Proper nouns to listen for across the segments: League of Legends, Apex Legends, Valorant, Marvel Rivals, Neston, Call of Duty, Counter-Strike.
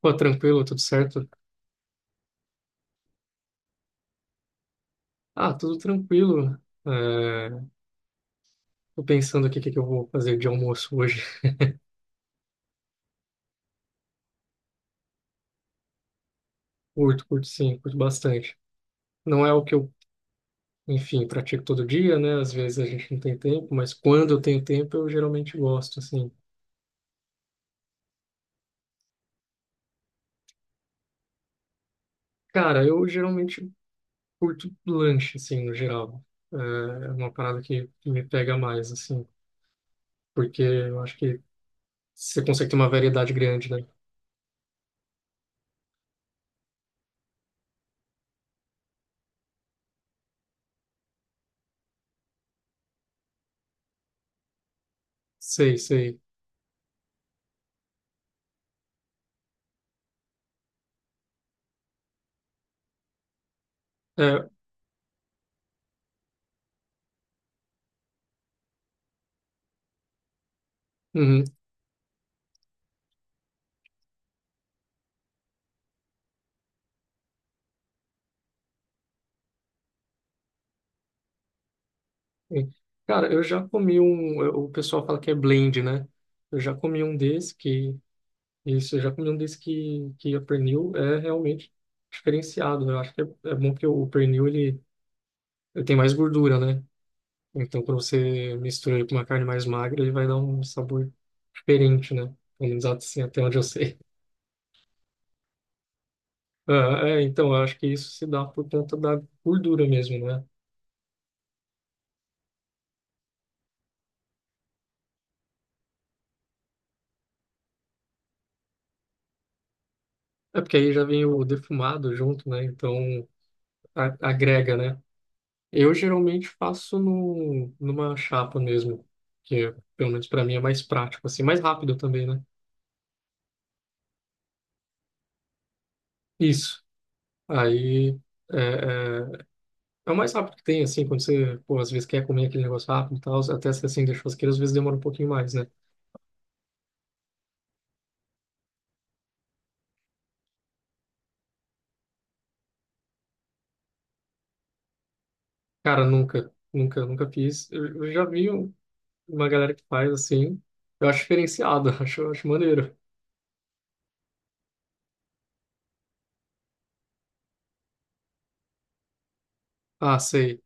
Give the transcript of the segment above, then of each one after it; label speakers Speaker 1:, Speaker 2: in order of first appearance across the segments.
Speaker 1: Pô, tranquilo, tudo certo? Ah, tudo tranquilo. É, Tô pensando aqui o que que eu vou fazer de almoço hoje. Curto, curto sim, curto bastante. Não é o que eu, enfim, pratico todo dia, né? Às vezes a gente não tem tempo, mas quando eu tenho tempo, eu geralmente gosto, assim. Cara, eu geralmente curto lanche, assim, no geral. É é uma parada que me pega mais, assim, porque eu acho que você consegue ter uma variedade grande, né? Sei, sei. É, uhum. Sim. Cara, eu já comi um. O pessoal fala que é blend, né? Eu já comi um desse que. Isso, eu já comi um desse que a pernil é realmente diferenciado, né? Eu acho que é bom que o pernil ele tem mais gordura, né? Então, quando você mistura ele com uma carne mais magra, ele vai dar um sabor diferente, né? Pelo menos assim, até onde eu sei. Ah, é, então, eu acho que isso se dá por conta da gordura mesmo, né? É porque aí já vem o defumado junto, né? Então, agrega, né? Eu geralmente faço no, numa chapa mesmo, que é, pelo menos para mim é mais prático, assim, mais rápido também, né? Isso. Aí é, é, é o mais rápido que tem, assim, quando você, pô, às vezes quer comer aquele negócio rápido e tal, até se assim, deixa churrasqueira, às vezes demora um pouquinho mais, né? Cara, nunca, nunca, nunca fiz. Eu já vi uma galera que faz assim, eu acho diferenciado, acho maneiro. Ah, sei.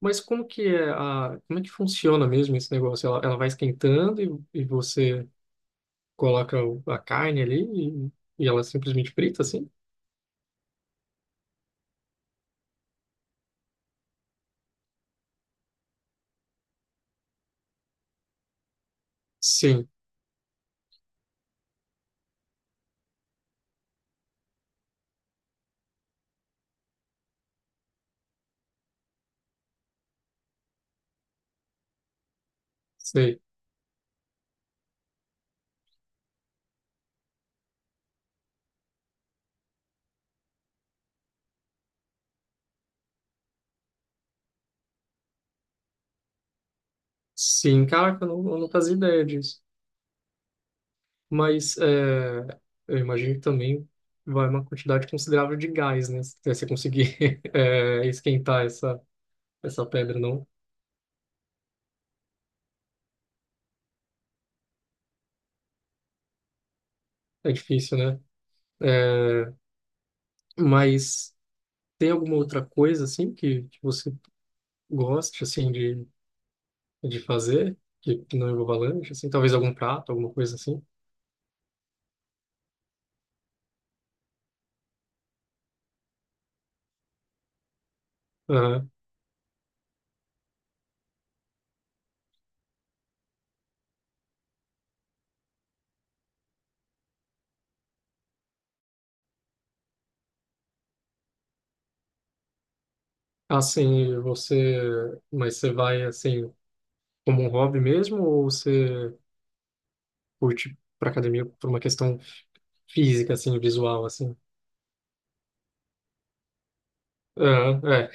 Speaker 1: Mas como que é como é que funciona mesmo esse negócio? Ela vai esquentando e você coloca a carne ali e ela simplesmente frita, assim? Sim, sei. Sim, caraca, eu não fazia ideia disso. Mas eu imagino que também vai uma quantidade considerável de gás, né? Se você conseguir esquentar essa pedra, não? É difícil, né? É, mas tem alguma outra coisa, assim, que você goste, assim, de fazer? Que não envolva lanche, assim? Talvez algum prato, alguma coisa assim? Assim, mas você vai assim como um hobby mesmo ou você curte para academia por uma questão física assim, visual assim? Aham, é.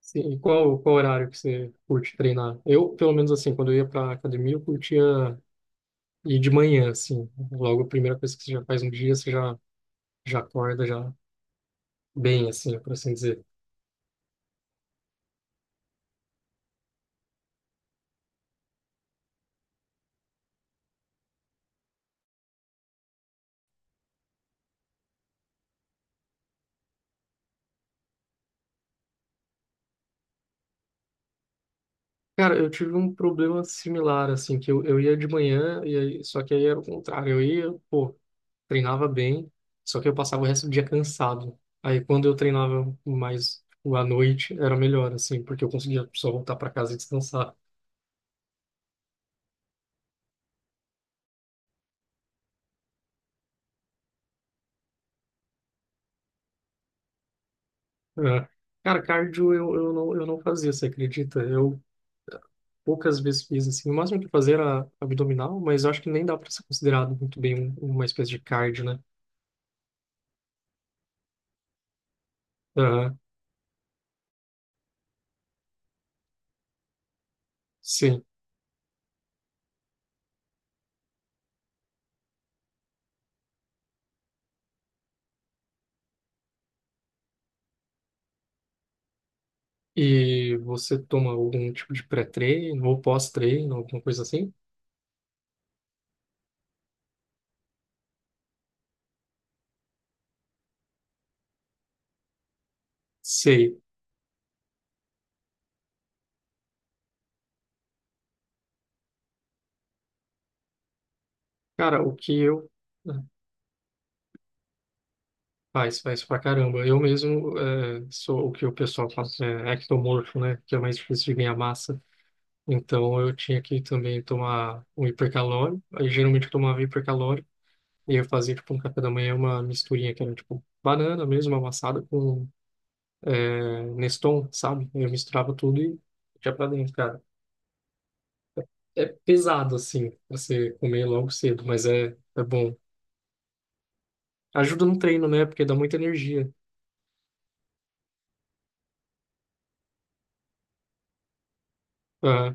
Speaker 1: Sim, e qual horário que você curte treinar? Eu, pelo menos assim, quando eu ia para academia, eu curtia ir de manhã assim, logo a primeira coisa que você já faz no dia, você já acorda já bem assim, por assim dizer. Cara, eu tive um problema similar assim, que eu ia de manhã e aí, só que aí era o contrário, eu ia, pô, treinava bem, só que eu passava o resto do dia cansado. Aí quando eu treinava mais tipo, à noite, era melhor, assim, porque eu conseguia só voltar para casa e descansar. É. Cara, cardio eu não fazia, você acredita? Eu poucas vezes fiz, assim, o máximo que eu fazia era abdominal, mas eu acho que nem dá para ser considerado muito bem uma espécie de cardio, né? Aham, Sim. E você toma algum tipo de pré-treino ou pós-treino, alguma coisa assim? Sei. Cara, o que eu Faz, faz pra caramba. Eu mesmo sou o que o pessoal fala, é ectomorfo, né? Que é mais difícil de ganhar massa. Então eu tinha que também tomar um hipercalórico. Aí geralmente eu tomava hipercalórico. E eu fazia tipo um café da manhã, uma misturinha que era tipo banana mesmo, amassada com Neston, sabe? Eu misturava tudo e já pra dentro, cara. É pesado assim, pra você comer logo cedo, mas é bom. Ajuda no treino, né? Porque dá muita energia. Ah,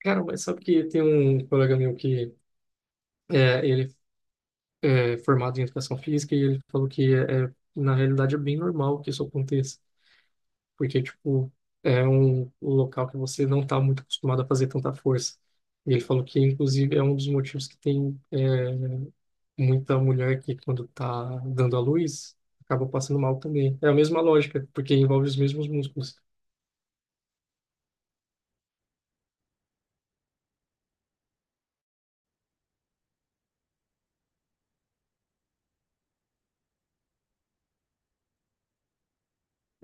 Speaker 1: cara, mas sabe que tem um colega meu que ele é formado em educação física e ele falou que na realidade é bem normal que isso aconteça, porque tipo é um local que você não está muito acostumado a fazer tanta força. E ele falou que inclusive é um dos motivos que tem muita mulher que quando está dando à luz acaba passando mal também. É a mesma lógica, porque envolve os mesmos músculos.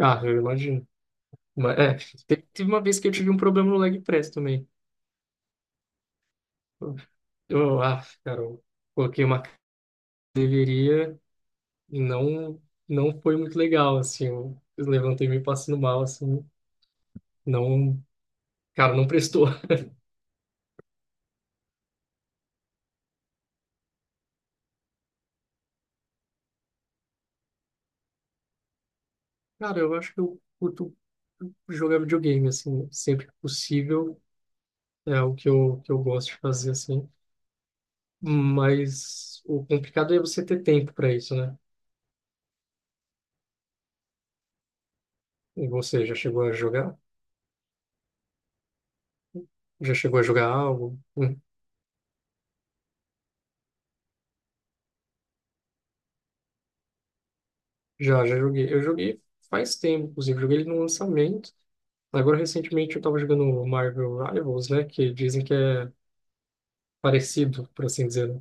Speaker 1: Ah, eu imagino. Mas, teve uma vez que eu tive um problema no leg press também. Ah, cara, eu coloquei uma e não foi muito legal, assim, eu levantei meio passando mal, assim, não, cara, não prestou. Cara, eu acho que eu curto jogar videogame, assim, sempre que possível, é o que que eu gosto de fazer, assim, mas o complicado é você ter tempo para isso, né? E você já chegou a jogar? Já chegou a jogar algo? Já, já joguei. Eu joguei faz tempo, inclusive, joguei ele no lançamento, agora recentemente eu tava jogando Marvel Rivals, né, que dizem que é parecido, por assim dizer, né?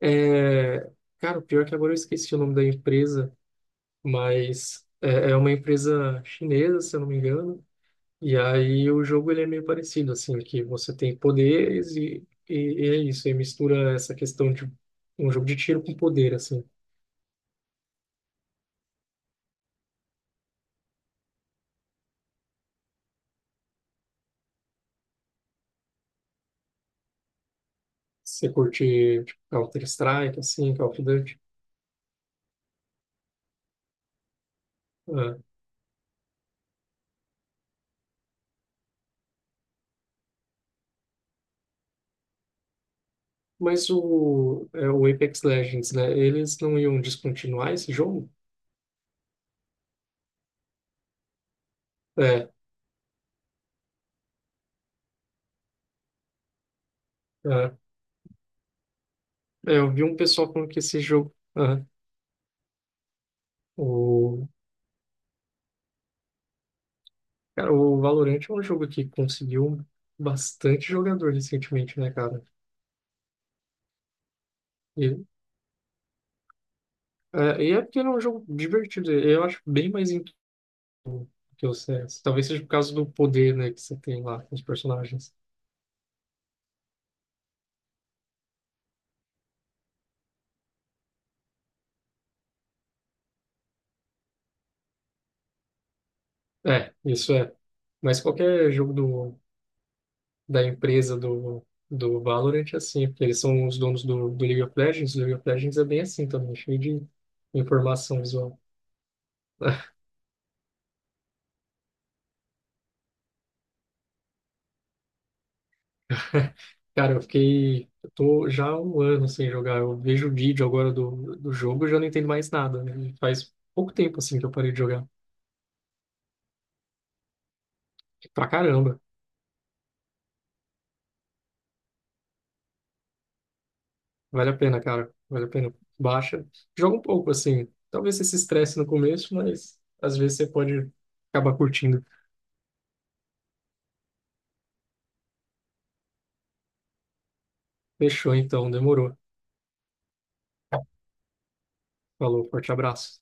Speaker 1: É, cara, o pior é que agora eu esqueci o nome da empresa, mas é uma empresa chinesa, se eu não me engano. E aí o jogo ele é meio parecido, assim, que você tem poderes e é isso. E mistura essa questão de um jogo de tiro com poder, assim. Você curte tipo, Counter-Strike, assim, Call of Duty. Ah, mas o Apex Legends, né? Eles não iam descontinuar esse jogo? É, é. É, eu vi um pessoal falando que esse jogo. Ah, O, cara, o Valorant é um jogo que conseguiu bastante jogador recentemente, né, cara? E e é porque ele é um jogo divertido. Eu acho bem mais intuitivo que o CS. Talvez seja por causa do poder, né, que você tem lá com os personagens. É, isso é. Mas qualquer jogo da empresa do Valorant é assim, porque eles são os donos do League of Legends. O League of Legends é bem assim também, cheio de informação visual. Cara, eu fiquei. Eu tô já há um ano sem jogar. Eu vejo o vídeo agora do jogo e já não entendo mais nada, né? Faz pouco tempo, assim, que eu parei de jogar. Pra caramba. Vale a pena, cara. Vale a pena. Baixa. Joga um pouco, assim. Talvez você se estresse no começo, mas às vezes você pode acabar curtindo. Fechou, então. Demorou. Falou. Forte abraço.